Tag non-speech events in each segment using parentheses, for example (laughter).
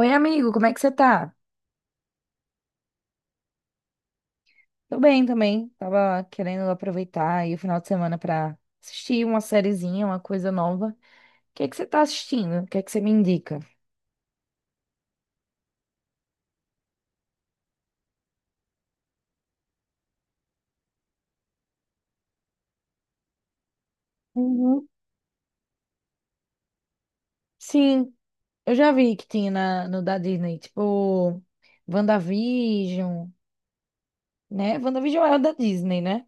Oi, amigo, como é que você tá? Tô bem também. Tava querendo aproveitar aí o final de semana pra assistir uma sériezinha, uma coisa nova. O que é que você tá assistindo? O que é que você me indica? Uhum. Sim, eu já vi que tinha no da Disney, tipo, WandaVision, né? WandaVision é o da Disney, né?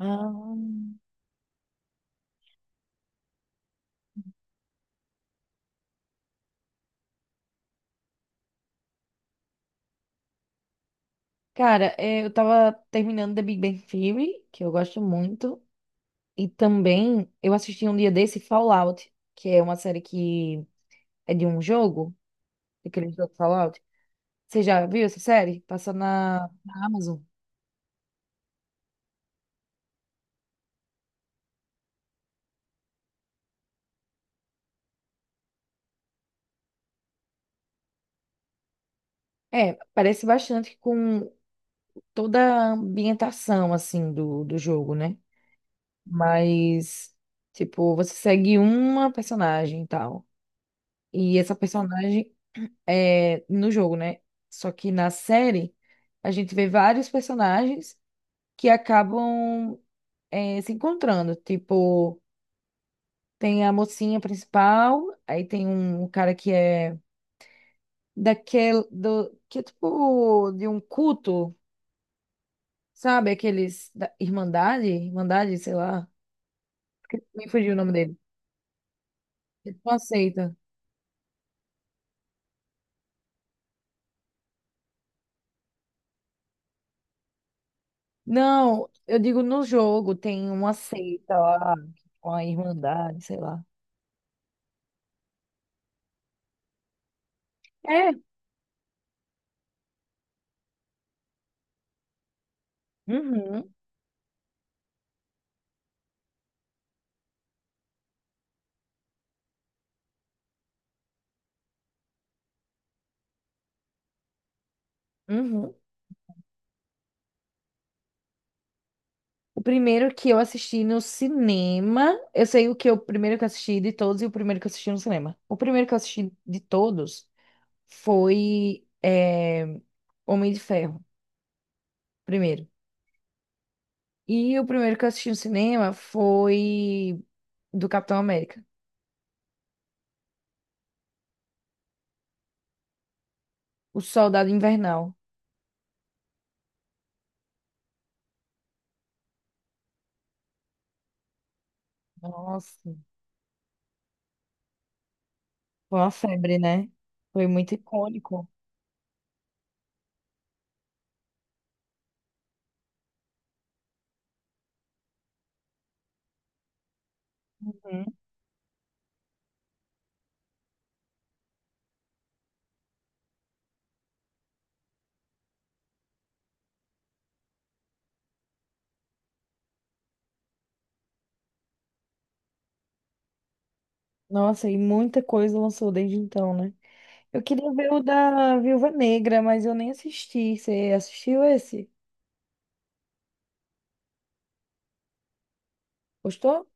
Ah, cara, é, eu tava terminando The Big Bang Theory, que eu gosto muito, e também eu assisti um dia desse Fallout, que é uma série que é de um jogo. Aquele jogo Fallout. Você já viu essa série? Passa na Amazon. É, parece bastante com toda a ambientação, assim, do jogo, né? Mas, tipo, você segue uma personagem e tal. E essa personagem é no jogo, né? Só que na série, a gente vê vários personagens que acabam é, se encontrando. Tipo, tem a mocinha principal, aí tem um cara que é daquele do que é tipo de um culto, sabe? Aqueles da Irmandade, Irmandade, sei lá. Esqueci, me fugiu o nome dele. É tipo uma seita. Não, eu digo no jogo tem uma seita lá, uma Irmandade, sei lá. É. Uhum, uhum. O primeiro que eu assisti no cinema, eu sei o que eu o primeiro que eu assisti de todos e o primeiro que eu assisti no cinema. O primeiro que eu assisti de todos foi Homem de Ferro, primeiro. E o primeiro que eu assisti no cinema foi do Capitão América, O Soldado Invernal. Nossa, foi uma febre, né? Foi muito icônico. Uhum. Nossa, e muita coisa lançou desde então, né? Eu queria ver o da Viúva Negra, mas eu nem assisti. Você assistiu esse? Gostou?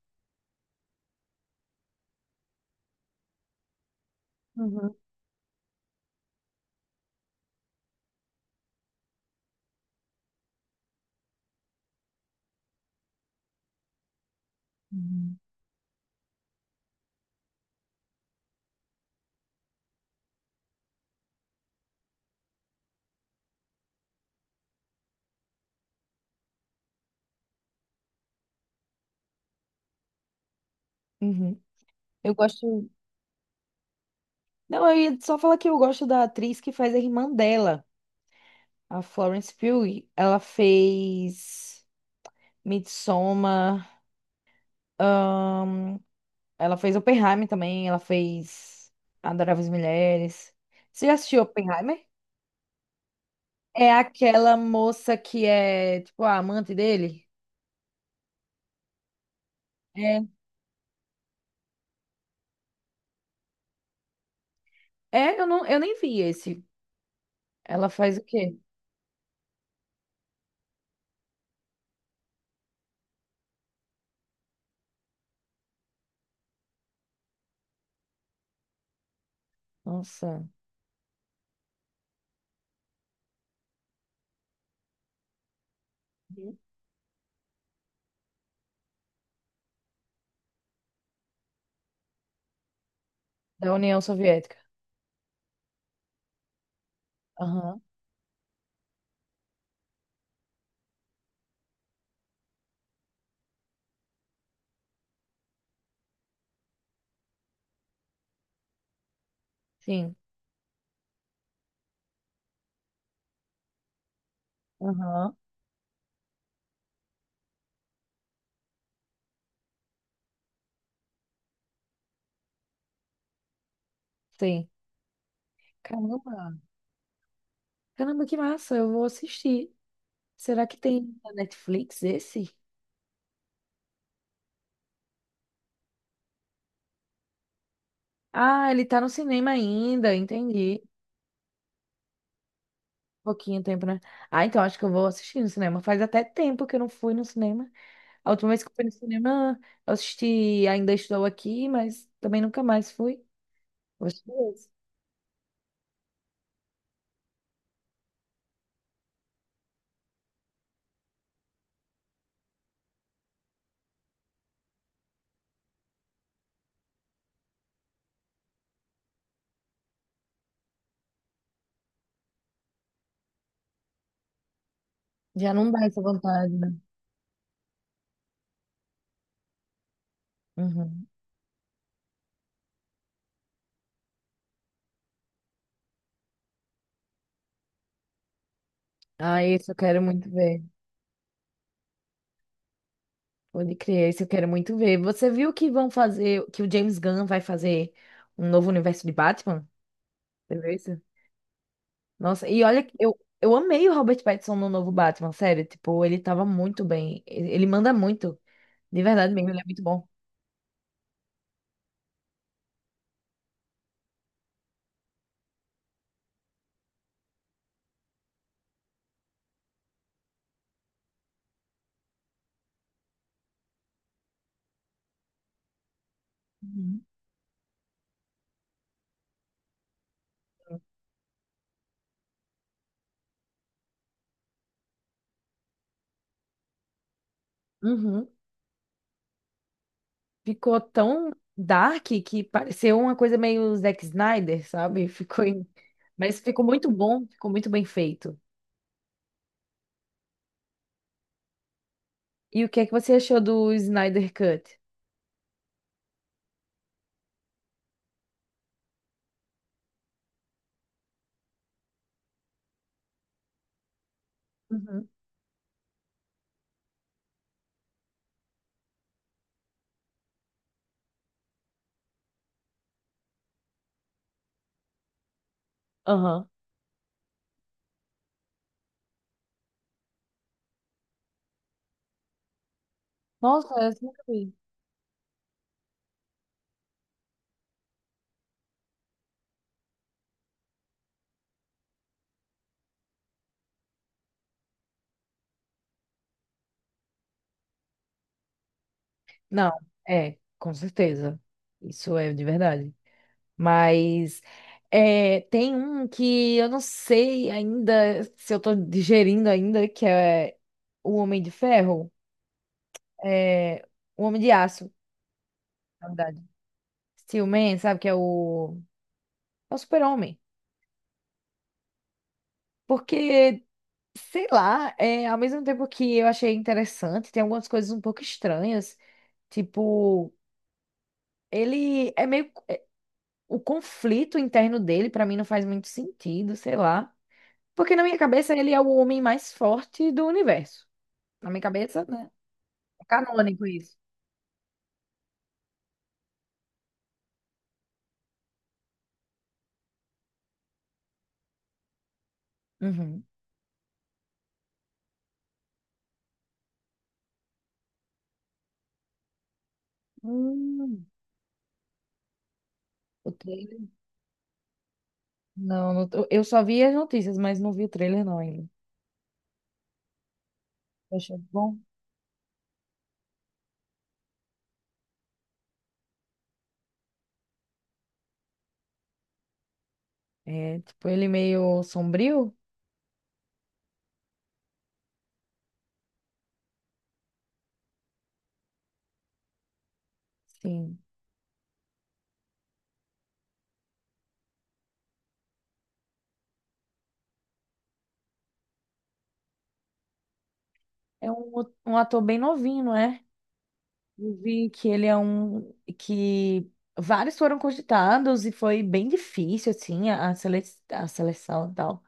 Uhum. Uhum. Uhum. Eu gosto. Não, eu ia só falar que eu gosto da atriz que faz a irmã dela, a Florence Pugh. Ela fez. Midsommar. ahn, ela fez Oppenheimer também. Ela fez Adoráveis Mulheres. Você já assistiu Oppenheimer? É aquela moça que é, tipo, a amante dele? É. É, eu, não, eu nem vi esse. Ela faz o quê? Nossa. Uhum. Da União Soviética. Aham. Sim. Aham. Sim. Caramba. Caramba, que massa. Eu vou assistir. Será que tem na Netflix esse? Ah, ele tá no cinema ainda. Entendi. Pouquinho tempo, né? Ah, então acho que eu vou assistir no cinema. Faz até tempo que eu não fui no cinema. A última vez que eu fui no cinema, eu assisti Ainda Estou Aqui, mas também nunca mais fui. Eu assisti esse. Já não dá essa vontade, né? Uhum. Ah, isso eu quero muito ver. Pode crer, isso eu quero muito ver. Você viu que vão fazer, que o James Gunn vai fazer um novo universo de Batman? Você viu isso? Nossa, e olha, que eu amei o Robert Pattinson no novo Batman, sério. Tipo, ele tava muito bem. Ele manda muito. De verdade mesmo, ele é muito bom. Uhum. Uhum. Ficou tão dark que pareceu uma coisa meio Zack Snyder, sabe? (laughs) Ficou em- mas ficou muito bom, ficou muito bem feito. E o que é que você achou do Snyder Cut? Uhum. Aham. Nossa, essa eu nunca vi. Não, é, com certeza. Isso é de verdade. Mas é, tem um que eu não sei ainda se eu tô digerindo ainda, que é o Homem de Ferro. É, o Homem de Aço. Na verdade. Steel Man, sabe? Que é o, é o super-homem. Porque, sei lá, é, ao mesmo tempo que eu achei interessante, tem algumas coisas um pouco estranhas. Tipo, ele é meio. O conflito interno dele, pra mim, não faz muito sentido, sei lá. Porque na minha cabeça ele é o homem mais forte do universo. Na minha cabeça, né? É canônico isso. Uhum. Hum, o trailer. Não, não tô- eu só vi as notícias, mas não vi o trailer não ainda. Eu achei bom. É, tipo, ele meio sombrio. Sim. É um, um ator bem novinho, não é? Eu vi que ele é um que vários foram cogitados e foi bem difícil assim a sele- a seleção e tal.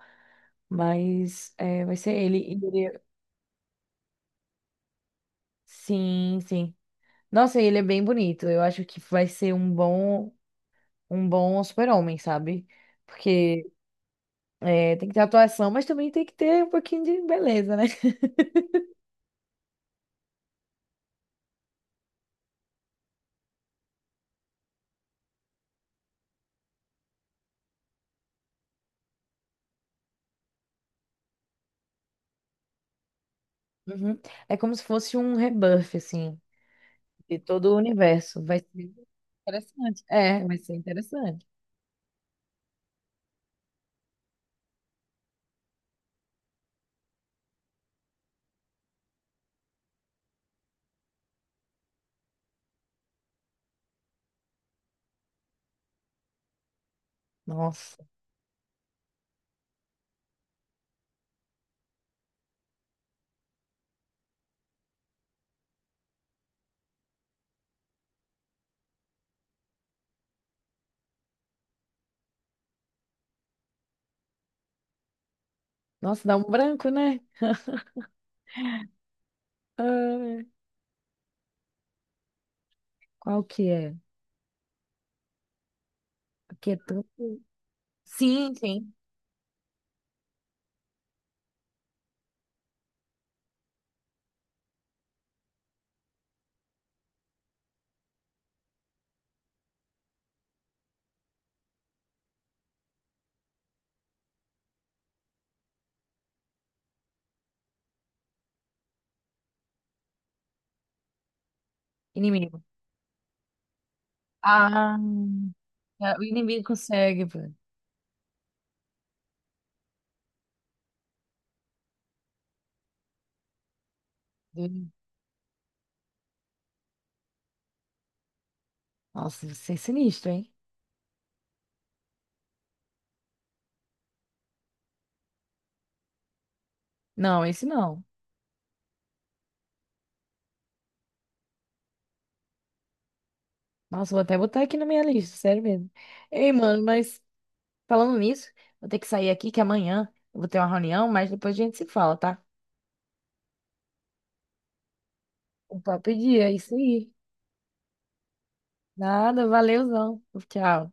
Mas é, vai ser ele. E ele- é, sim, sim. Nossa, ele é bem bonito. Eu acho que vai ser um bom super-homem, sabe? Porque é, tem que ter atuação, mas também tem que ter um pouquinho de beleza, né? Uhum. É como se fosse um rebuff, assim. De todo o universo. Vai ser interessante. É, vai ser interessante. Nossa, nossa, dá um branco, né? Ah, qual que é? Aqui é tanto. Sim, sim, inimigo. Ah, é, o inimigo consegue, velho. Do- nossa, você é sinistro, hein? Não, esse não. Nossa, vou até botar aqui na minha lista, sério mesmo. Ei, mano, mas falando nisso, vou ter que sair aqui que amanhã eu vou ter uma reunião, mas depois a gente se fala, tá? O papo de dia, é isso aí. Nada, valeuzão. Tchau.